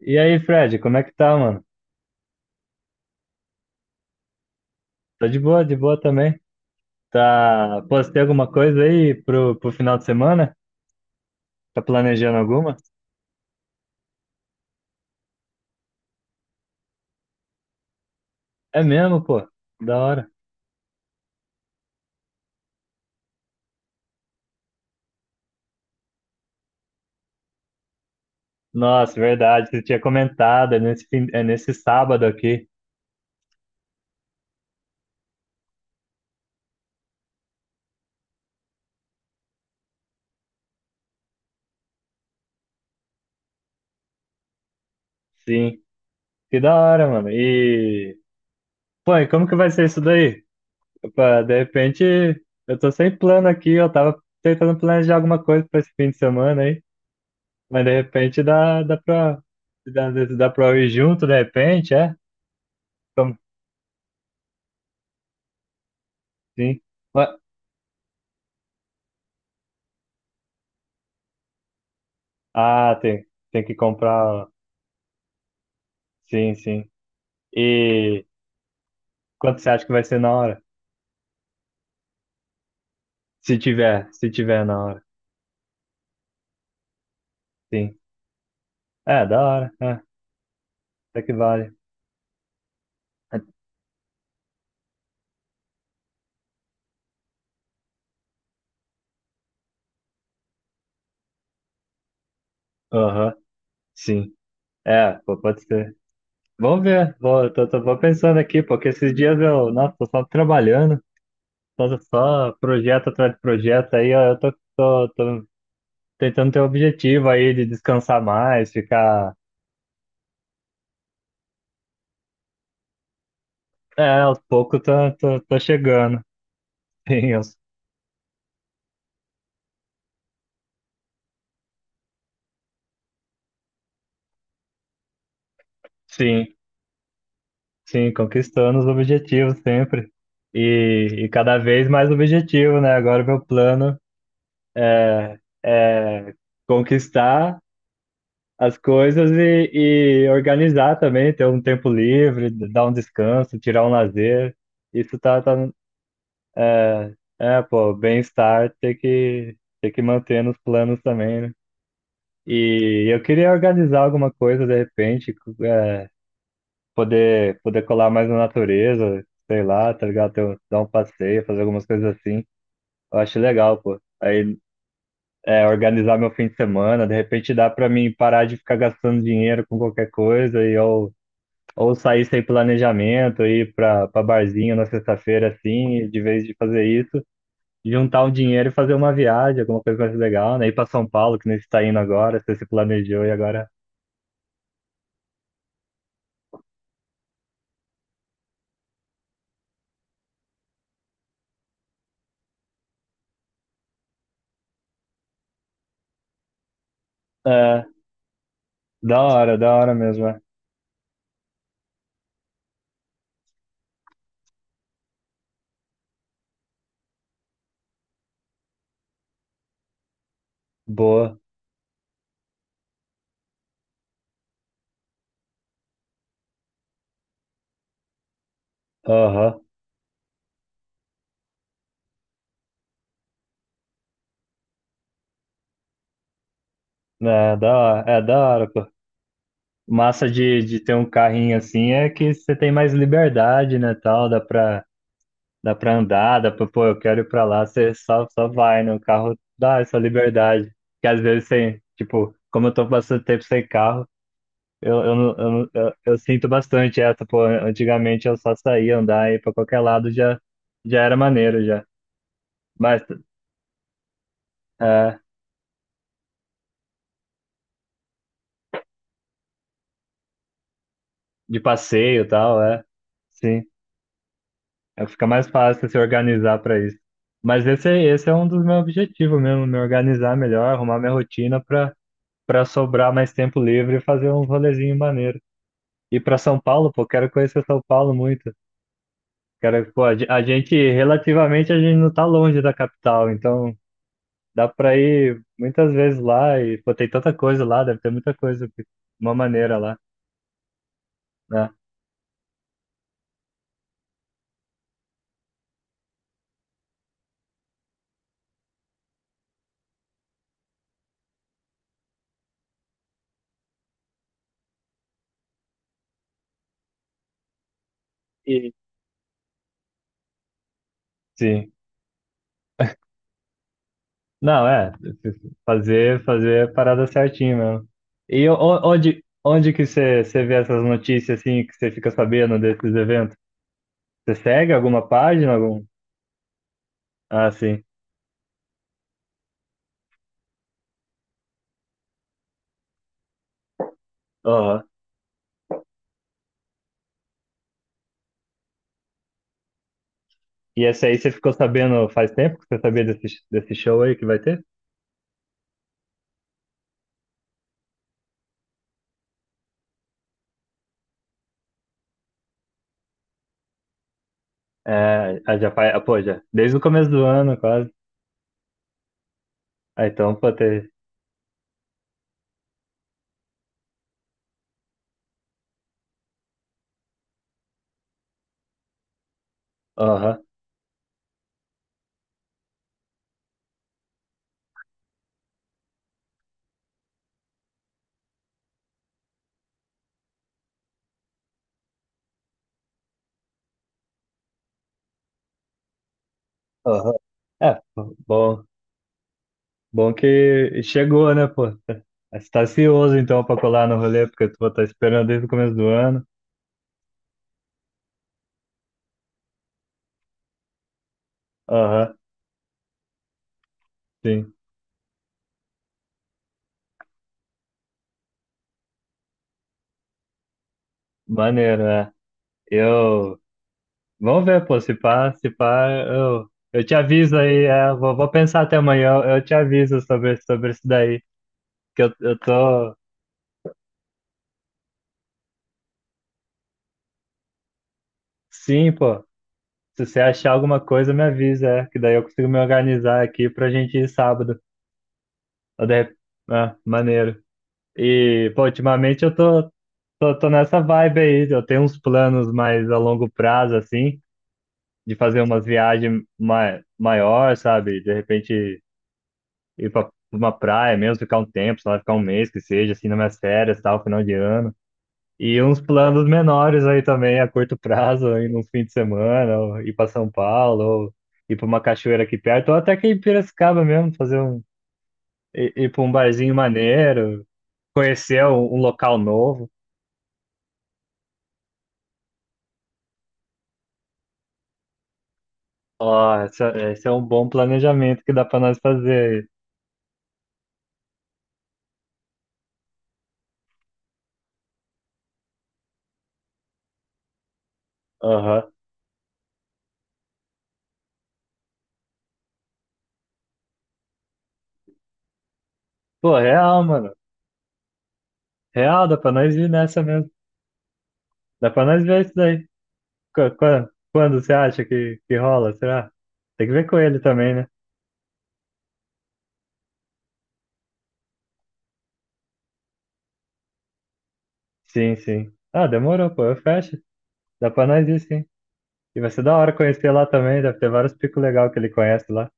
E aí, Fred, como é que tá, mano? Tá de boa também. Tá, pô, você tem alguma coisa aí pro final de semana? Tá planejando alguma? É mesmo, pô. Da hora. Nossa, verdade, você tinha comentado, é nesse sábado aqui. Sim. Que da hora, mano. Pô, e como que vai ser isso daí? Opa, de repente, eu tô sem plano aqui, eu tava tentando planejar alguma coisa pra esse fim de semana aí, mas de repente dá, dá pra ir junto, de repente, é? Sim. Mas- Ah, tem que comprar. Sim, sim. E quanto você acha que vai ser na hora? Se tiver na hora. Sim. É, da hora. É, até que vale. Aham, sim. É, pô, pode ser. Vamos ver. Vou pensando aqui, porque esses dias eu, nossa, tô só trabalhando, só projeto atrás de projeto. Aí ó, eu tô tentando ter um objetivo aí de descansar mais, ficar. É, aos poucos tô chegando. Sim, eu- sim. Sim, conquistando os objetivos sempre. E cada vez mais objetivo, né? Agora meu plano é conquistar as coisas e organizar também, ter um tempo livre, d- dar um descanso, tirar um lazer. Isso tá, tá, é, pô, bem-estar tem que manter nos planos também, né? E eu queria organizar alguma coisa de repente, cu- é, poder colar mais na natureza, sei lá, tá ligado? Ter, um- dar um passeio, fazer algumas coisas assim. Eu acho legal, pô. Aí é organizar meu fim de semana, de repente dá pra mim parar de ficar gastando dinheiro com qualquer coisa e ou sair sem planejamento, ir pra barzinho na sexta-feira assim, e de vez de fazer isso, juntar um dinheiro e fazer uma viagem, alguma coisa mais legal, né? Ir pra São Paulo, que nem você tá indo agora, você se planejou e agora. É, da hora mesmo, é. Boa. Aham. É da hora, pô. Massa de ter um carrinho assim é que você tem mais liberdade, né, tal, dá pra andar, dá pra, pô, eu quero ir pra lá, você só vai, né? O carro dá essa liberdade. Que às vezes sem, tipo, como eu tô bastante tempo sem carro, eu, não- eu, não- eu sinto bastante essa, pô, antigamente eu só saía andar e pra qualquer lado já, já era maneiro já. Mas, é, de passeio e tal, é, sim, é, fica mais fácil se organizar pra isso. Mas esse é um dos meus objetivos mesmo, me organizar melhor, arrumar minha rotina pra sobrar mais tempo livre e fazer um rolezinho maneiro. Ir para São Paulo, pô, quero conhecer São Paulo muito. Quero, pô, a ge- a gente, relativamente, a gente não tá longe da capital, então dá para ir muitas vezes lá e, pô, tem tanta coisa lá, deve ter muita coisa, de uma maneira lá, né? E, sim. Não, é, fazer a parada certinho mesmo. E o- onde, onde que você vê essas notícias, assim, que você fica sabendo desses eventos? Você segue alguma página, algum? Ah, sim. Aham. E essa aí você ficou sabendo faz tempo que você sabia desse show aí que vai ter? É, ah, já faz, ah, pô, já, desde o começo do ano, quase. Ah, então, pô, ter. Aham, aham. É, pô, bom que chegou, né, pô? Você tá ansioso, então, pra colar no rolê, porque tu tá esperando desde o começo do ano. Aham, sim. Maneiro, né? Eu. Vamos ver, pô, se pá, eu te aviso aí, é, vou pensar até amanhã, eu te aviso sobre isso daí, que eu tô. Sim, pô. Se você achar alguma coisa, me avisa, é, que daí eu consigo me organizar aqui pra gente ir sábado. Ou de rep- Ah, maneiro. E, pô, ultimamente eu tô nessa vibe aí. Eu tenho uns planos mais a longo prazo, assim, de fazer umas viagens ma maior, sabe? De repente ir pra uma praia mesmo, ficar um tempo, sei lá, ficar um mês que seja, assim, nas minhas férias, tal, final de ano. E uns planos menores aí também, a curto prazo, aí num fim de semana, ou ir para São Paulo, ou ir para uma cachoeira aqui perto, ou até que em Piracicaba mesmo, fazer um, i- ir para um barzinho maneiro, conhecer um, um local novo. Ó, esse é um bom planejamento que dá para nós fazer aí. Aham. Pô, real, mano. Real, dá para nós ir nessa mesmo. Dá para nós ver isso daí. Qu- quando você acha que rola, será? Tem que ver com ele também, né? Sim, sim. Ah, demorou, pô, eu fecho. Dá pra nós ir, sim. E vai ser da hora conhecer lá também, deve ter vários picos legais que ele conhece lá.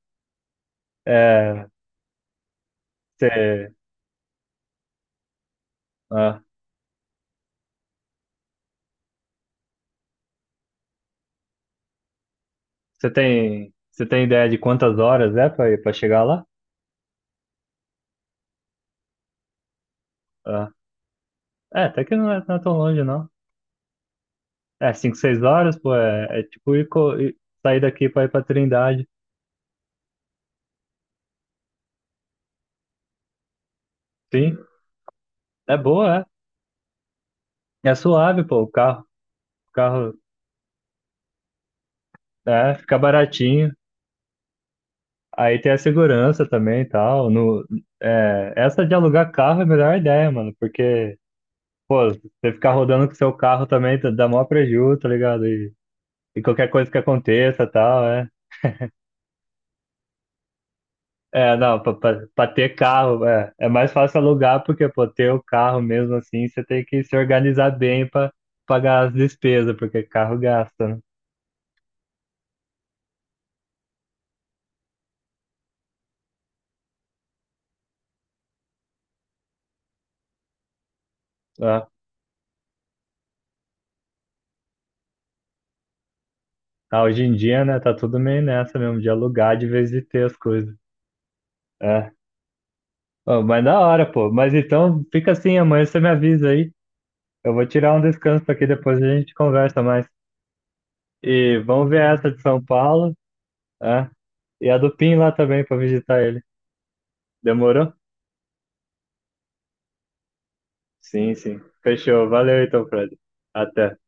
É, você, ah, você tem ideia de quantas horas é pra chegar lá? Ah, é, até que não é, não é tão longe, não. É, 5 6 horas, pô, é, é tipo ir, co- ir- sair daqui pra ir pra Trindade. Sim, é boa, é. É suave, pô, o carro, é, fica baratinho. Aí tem a segurança também e tal. No, é, essa de alugar carro é a melhor ideia, mano, porque pô, você ficar rodando com seu carro também tá- dá maior prejuízo, tá ligado? E qualquer coisa que aconteça, tal, é. É, não, pra ter carro, é, é mais fácil alugar, porque, pô, ter o carro mesmo assim, você tem que se organizar bem pra pagar as despesas, porque carro gasta, né? É. Ah, hoje em dia, né, tá tudo meio nessa mesmo, de alugar de vez de ter as coisas. É. Ô, mas da hora, pô. Mas então, fica assim, amanhã você me avisa aí. Eu vou tirar um descanso aqui, depois a gente conversa mais. E vamos ver essa de São Paulo. É. E a do Pim lá também para visitar ele. Demorou? Sim, sim. Fechou. Valeu então, Fred. Até.